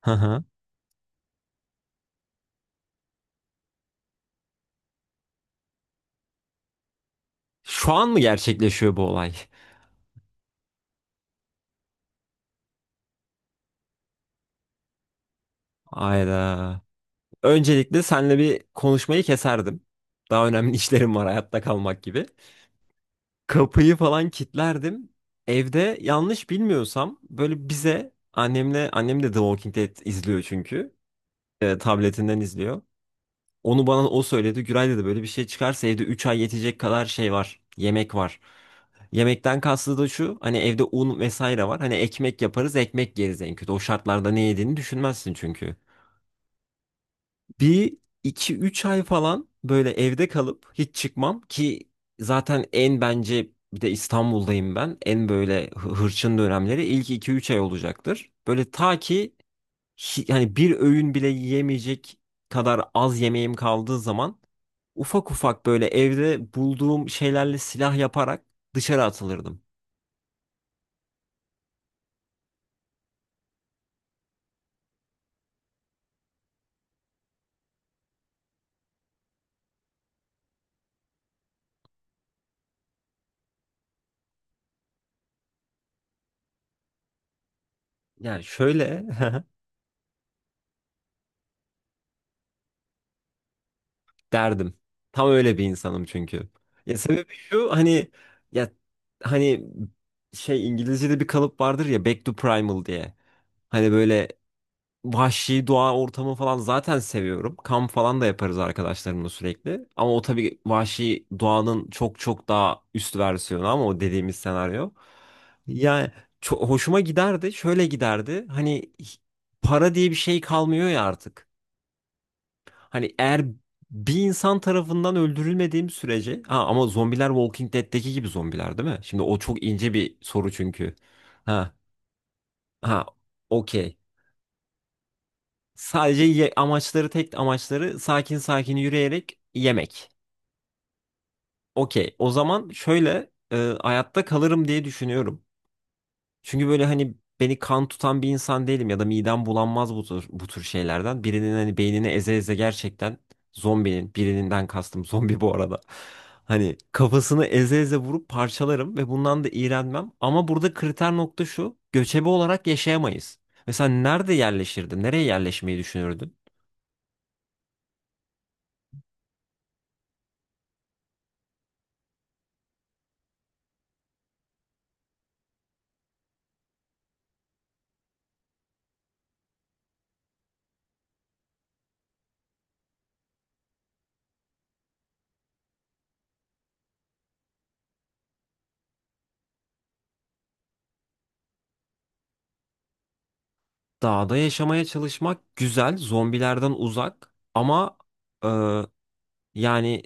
Hı hı. Şu an mı gerçekleşiyor bu olay? Ayda. Öncelikle seninle bir konuşmayı keserdim. Daha önemli işlerim var, hayatta kalmak gibi. Kapıyı falan kilitlerdim. Evde, yanlış bilmiyorsam, böyle bize annemle annem de The Walking Dead izliyor çünkü. Tabletinden izliyor. Onu bana o söyledi. Güray dedi, böyle bir şey çıkarsa evde 3 ay yetecek kadar şey var. Yemek var. Yemekten kastı da şu: hani evde un vesaire var. Hani ekmek yaparız, ekmek yeriz en kötü. O şartlarda ne yediğini düşünmezsin çünkü. Bir iki üç ay falan böyle evde kalıp hiç çıkmam ki zaten, en, bence, bir de İstanbul'dayım ben. En böyle hırçın dönemleri ilk iki üç ay olacaktır. Böyle ta ki yani bir öğün bile yiyemeyecek kadar az yemeğim kaldığı zaman, ufak ufak böyle evde bulduğum şeylerle silah yaparak dışarı atılırdım. Yani şöyle, derdim. Tam öyle bir insanım çünkü. Ya, sebebi şu hani, ya hani şey, İngilizce'de bir kalıp vardır ya, back to primal diye. Hani böyle vahşi doğa ortamı falan zaten seviyorum. Kamp falan da yaparız arkadaşlarımla sürekli. Ama o tabii vahşi doğanın çok çok daha üst versiyonu, ama o dediğimiz senaryo. Yani çok hoşuma giderdi. Şöyle giderdi. Hani para diye bir şey kalmıyor ya artık. Hani eğer bir insan tarafından öldürülmediğim sürece. Ha, ama zombiler Walking Dead'teki gibi zombiler değil mi? Şimdi o çok ince bir soru çünkü. Ha ha, okey. Sadece amaçları, tek amaçları sakin sakin yürüyerek yemek. Okey. O zaman şöyle, hayatta kalırım diye düşünüyorum. Çünkü böyle hani beni kan tutan bir insan değilim ya da midem bulanmaz bu tür şeylerden. Birinin hani beynini eze eze gerçekten, zombinin, birinden kastım zombi bu arada. Hani kafasını eze eze vurup parçalarım ve bundan da iğrenmem. Ama burada kriter nokta şu: göçebe olarak yaşayamayız. Mesela nerede yerleşirdin? Nereye yerleşmeyi düşünürdün? Dağda yaşamaya çalışmak güzel, zombilerden uzak, ama e, yani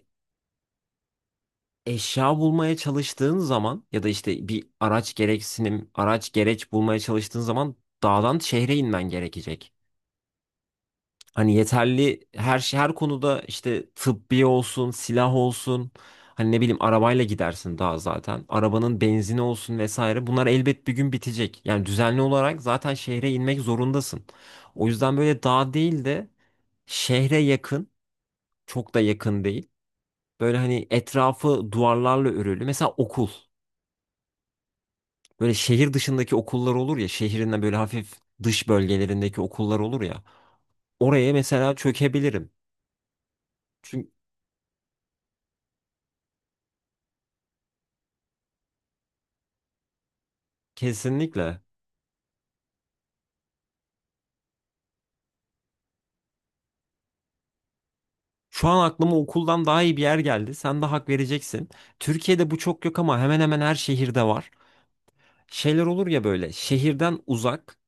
eşya bulmaya çalıştığın zaman ya da işte bir araç gereç bulmaya çalıştığın zaman dağdan şehre inmen gerekecek. Hani yeterli her şey, her konuda, işte tıbbi olsun, silah olsun, hani ne bileyim, arabayla gidersin daha zaten. Arabanın benzini olsun vesaire. Bunlar elbet bir gün bitecek. Yani düzenli olarak zaten şehre inmek zorundasın. O yüzden böyle dağ değil de şehre yakın, çok da yakın değil. Böyle hani etrafı duvarlarla örülü. Mesela okul. Böyle şehir dışındaki okullar olur ya, şehrinden böyle hafif dış bölgelerindeki okullar olur ya. Oraya mesela çökebilirim. Çünkü kesinlikle. Şu an aklıma okuldan daha iyi bir yer geldi. Sen de hak vereceksin. Türkiye'de bu çok yok ama hemen hemen her şehirde var. Şeyler olur ya böyle şehirden uzak,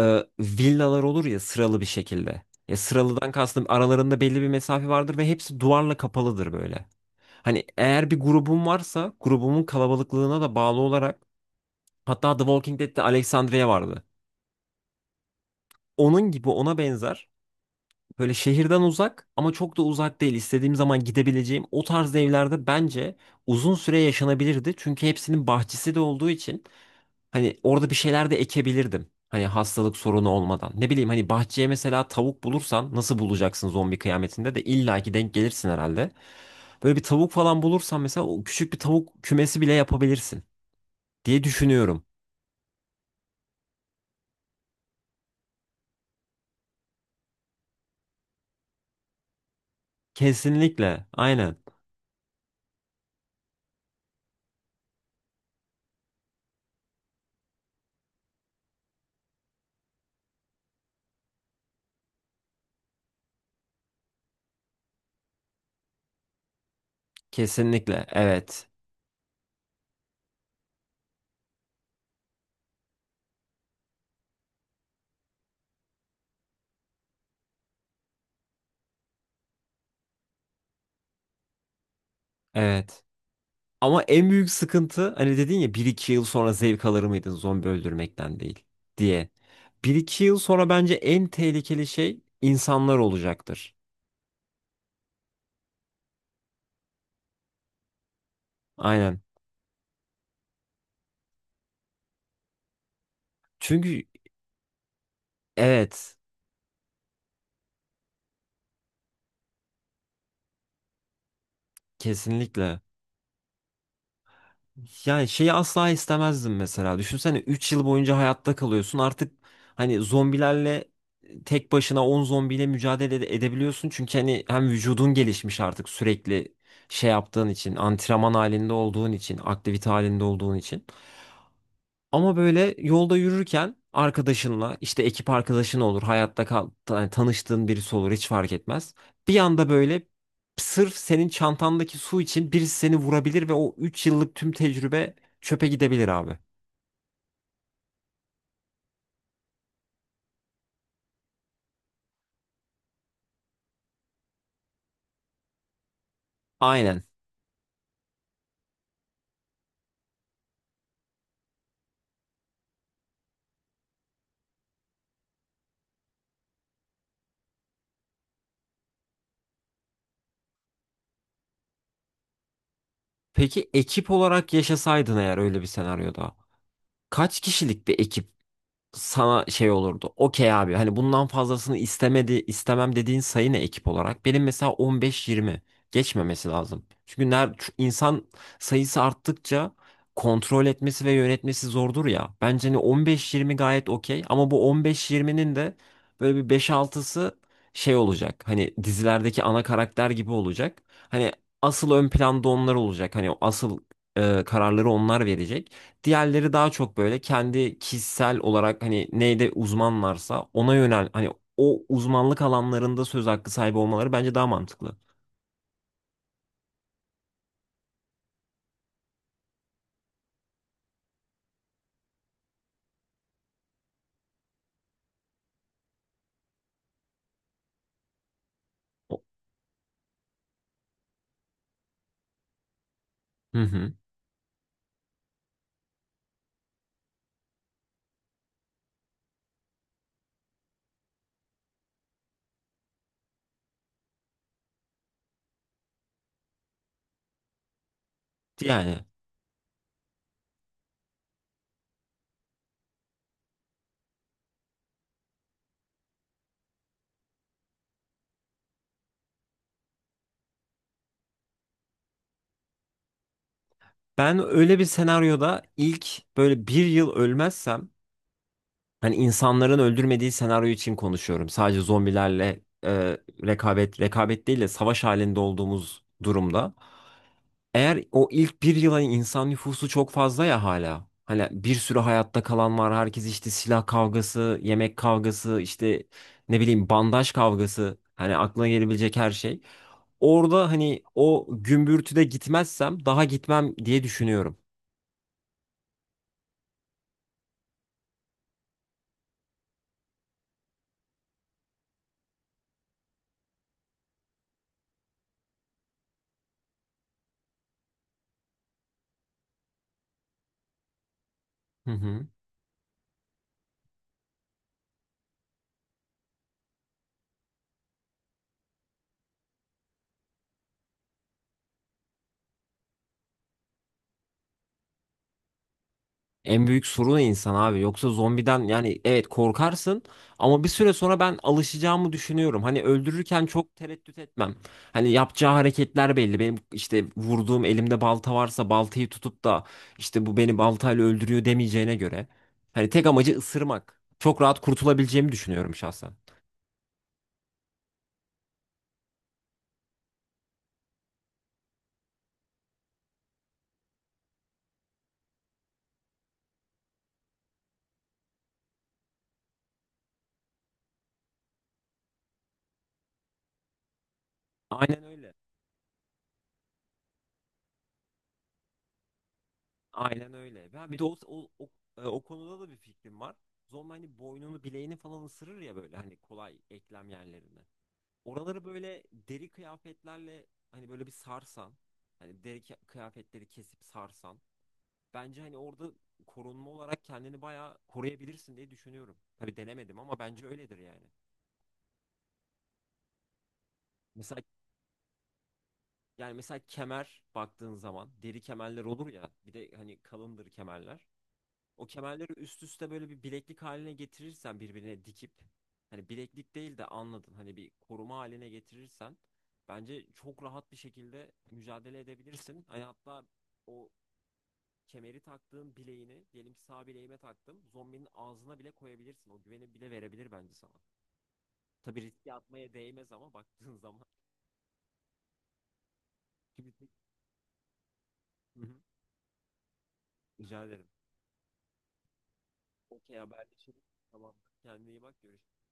villalar olur ya, sıralı bir şekilde. Ya, sıralıdan kastım aralarında belli bir mesafe vardır ve hepsi duvarla kapalıdır böyle. Hani eğer bir grubum varsa grubumun kalabalıklığına da bağlı olarak, hatta The Walking Dead'te Alexandria vardı. Onun gibi, ona benzer böyle şehirden uzak ama çok da uzak değil, istediğim zaman gidebileceğim o tarz evlerde bence uzun süre yaşanabilirdi. Çünkü hepsinin bahçesi de olduğu için hani orada bir şeyler de ekebilirdim. Hani hastalık sorunu olmadan. Ne bileyim, hani bahçeye mesela tavuk bulursan, nasıl bulacaksın, zombi kıyametinde de illaki denk gelirsin herhalde. Böyle bir tavuk falan bulursan mesela, o küçük bir tavuk kümesi bile yapabilirsin diye düşünüyorum. Kesinlikle. Aynen. Kesinlikle. Evet. Evet. Ama en büyük sıkıntı, hani dedin ya bir iki yıl sonra zevk alır mıydın zombi öldürmekten değil diye, bir iki yıl sonra bence en tehlikeli şey insanlar olacaktır. Aynen. Çünkü evet, kesinlikle. Yani şeyi asla istemezdim mesela. Düşünsene, 3 yıl boyunca hayatta kalıyorsun. Artık hani zombilerle, tek başına 10 zombiyle mücadele edebiliyorsun. Çünkü hani hem vücudun gelişmiş artık sürekli şey yaptığın için, antrenman halinde olduğun için, aktivite halinde olduğun için. Ama böyle yolda yürürken arkadaşınla, işte ekip arkadaşın olur, hayatta kal, yani tanıştığın birisi olur, hiç fark etmez. Bir anda böyle sırf senin çantandaki su için birisi seni vurabilir ve o 3 yıllık tüm tecrübe çöpe gidebilir abi. Aynen. Peki ekip olarak yaşasaydın eğer öyle bir senaryoda, kaç kişilik bir ekip? Sana şey olurdu. Okey abi, hani bundan fazlasını istemem dediğin sayı ne ekip olarak? Benim mesela 15-20 geçmemesi lazım. Çünkü şu insan sayısı arttıkça kontrol etmesi ve yönetmesi zordur ya. Bence hani 15-20 gayet okey, ama bu 15-20'nin de böyle bir beş altısı şey olacak. Hani dizilerdeki ana karakter gibi olacak. Hani asıl ön planda onlar olacak. Hani asıl kararları onlar verecek. Diğerleri daha çok böyle kendi kişisel olarak hani neyde uzmanlarsa ona yönel, hani o uzmanlık alanlarında söz hakkı sahibi olmaları bence daha mantıklı. O- Hı hı. Yani ben öyle bir senaryoda ilk böyle bir yıl ölmezsem, hani insanların öldürmediği senaryo için konuşuyorum. Sadece zombilerle rekabet değil de savaş halinde olduğumuz durumda. Eğer o ilk bir yılın insan nüfusu çok fazla ya hala. Hani bir sürü hayatta kalan var. Herkes işte silah kavgası, yemek kavgası, işte ne bileyim, bandaj kavgası. Hani aklına gelebilecek her şey. Orada hani o gümbürtüde gitmezsem daha gitmem diye düşünüyorum. Hı hı. En büyük sorun insan abi. Yoksa zombiden, yani evet korkarsın, ama bir süre sonra ben alışacağımı düşünüyorum. Hani öldürürken çok tereddüt etmem. Hani yapacağı hareketler belli. Benim işte vurduğum, elimde balta varsa baltayı tutup da işte bu beni baltayla öldürüyor demeyeceğine göre. Hani tek amacı ısırmak. Çok rahat kurtulabileceğimi düşünüyorum şahsen. Aynen öyle. Aynen öyle. Ben bir de o konuda da bir fikrim var. Zombi hani boynunu, bileğini falan ısırır ya böyle, hani kolay eklem yerlerini. Oraları böyle deri kıyafetlerle hani böyle bir sarsan, hani kıyafetleri kesip sarsan, bence hani orada korunma olarak kendini bayağı koruyabilirsin diye düşünüyorum. Tabii denemedim ama bence öyledir yani. Mesela Yani mesela kemer, baktığın zaman deri kemerler olur ya, bir de hani kalındır kemerler. O kemerleri üst üste böyle bir bileklik haline getirirsen, birbirine dikip, hani bileklik değil de anladın, hani bir koruma haline getirirsen bence çok rahat bir şekilde mücadele edebilirsin. Hani hatta o kemeri taktığın bileğini, diyelim ki sağ bileğime taktım, zombinin ağzına bile koyabilirsin. O güveni bile verebilir bence sana. Tabii riske atmaya değmez ama baktığın zaman. Gibi- Hı hı. Rica ederim. Okey, haberleşelim. Tamam. Kendine iyi bak, görüşürüz.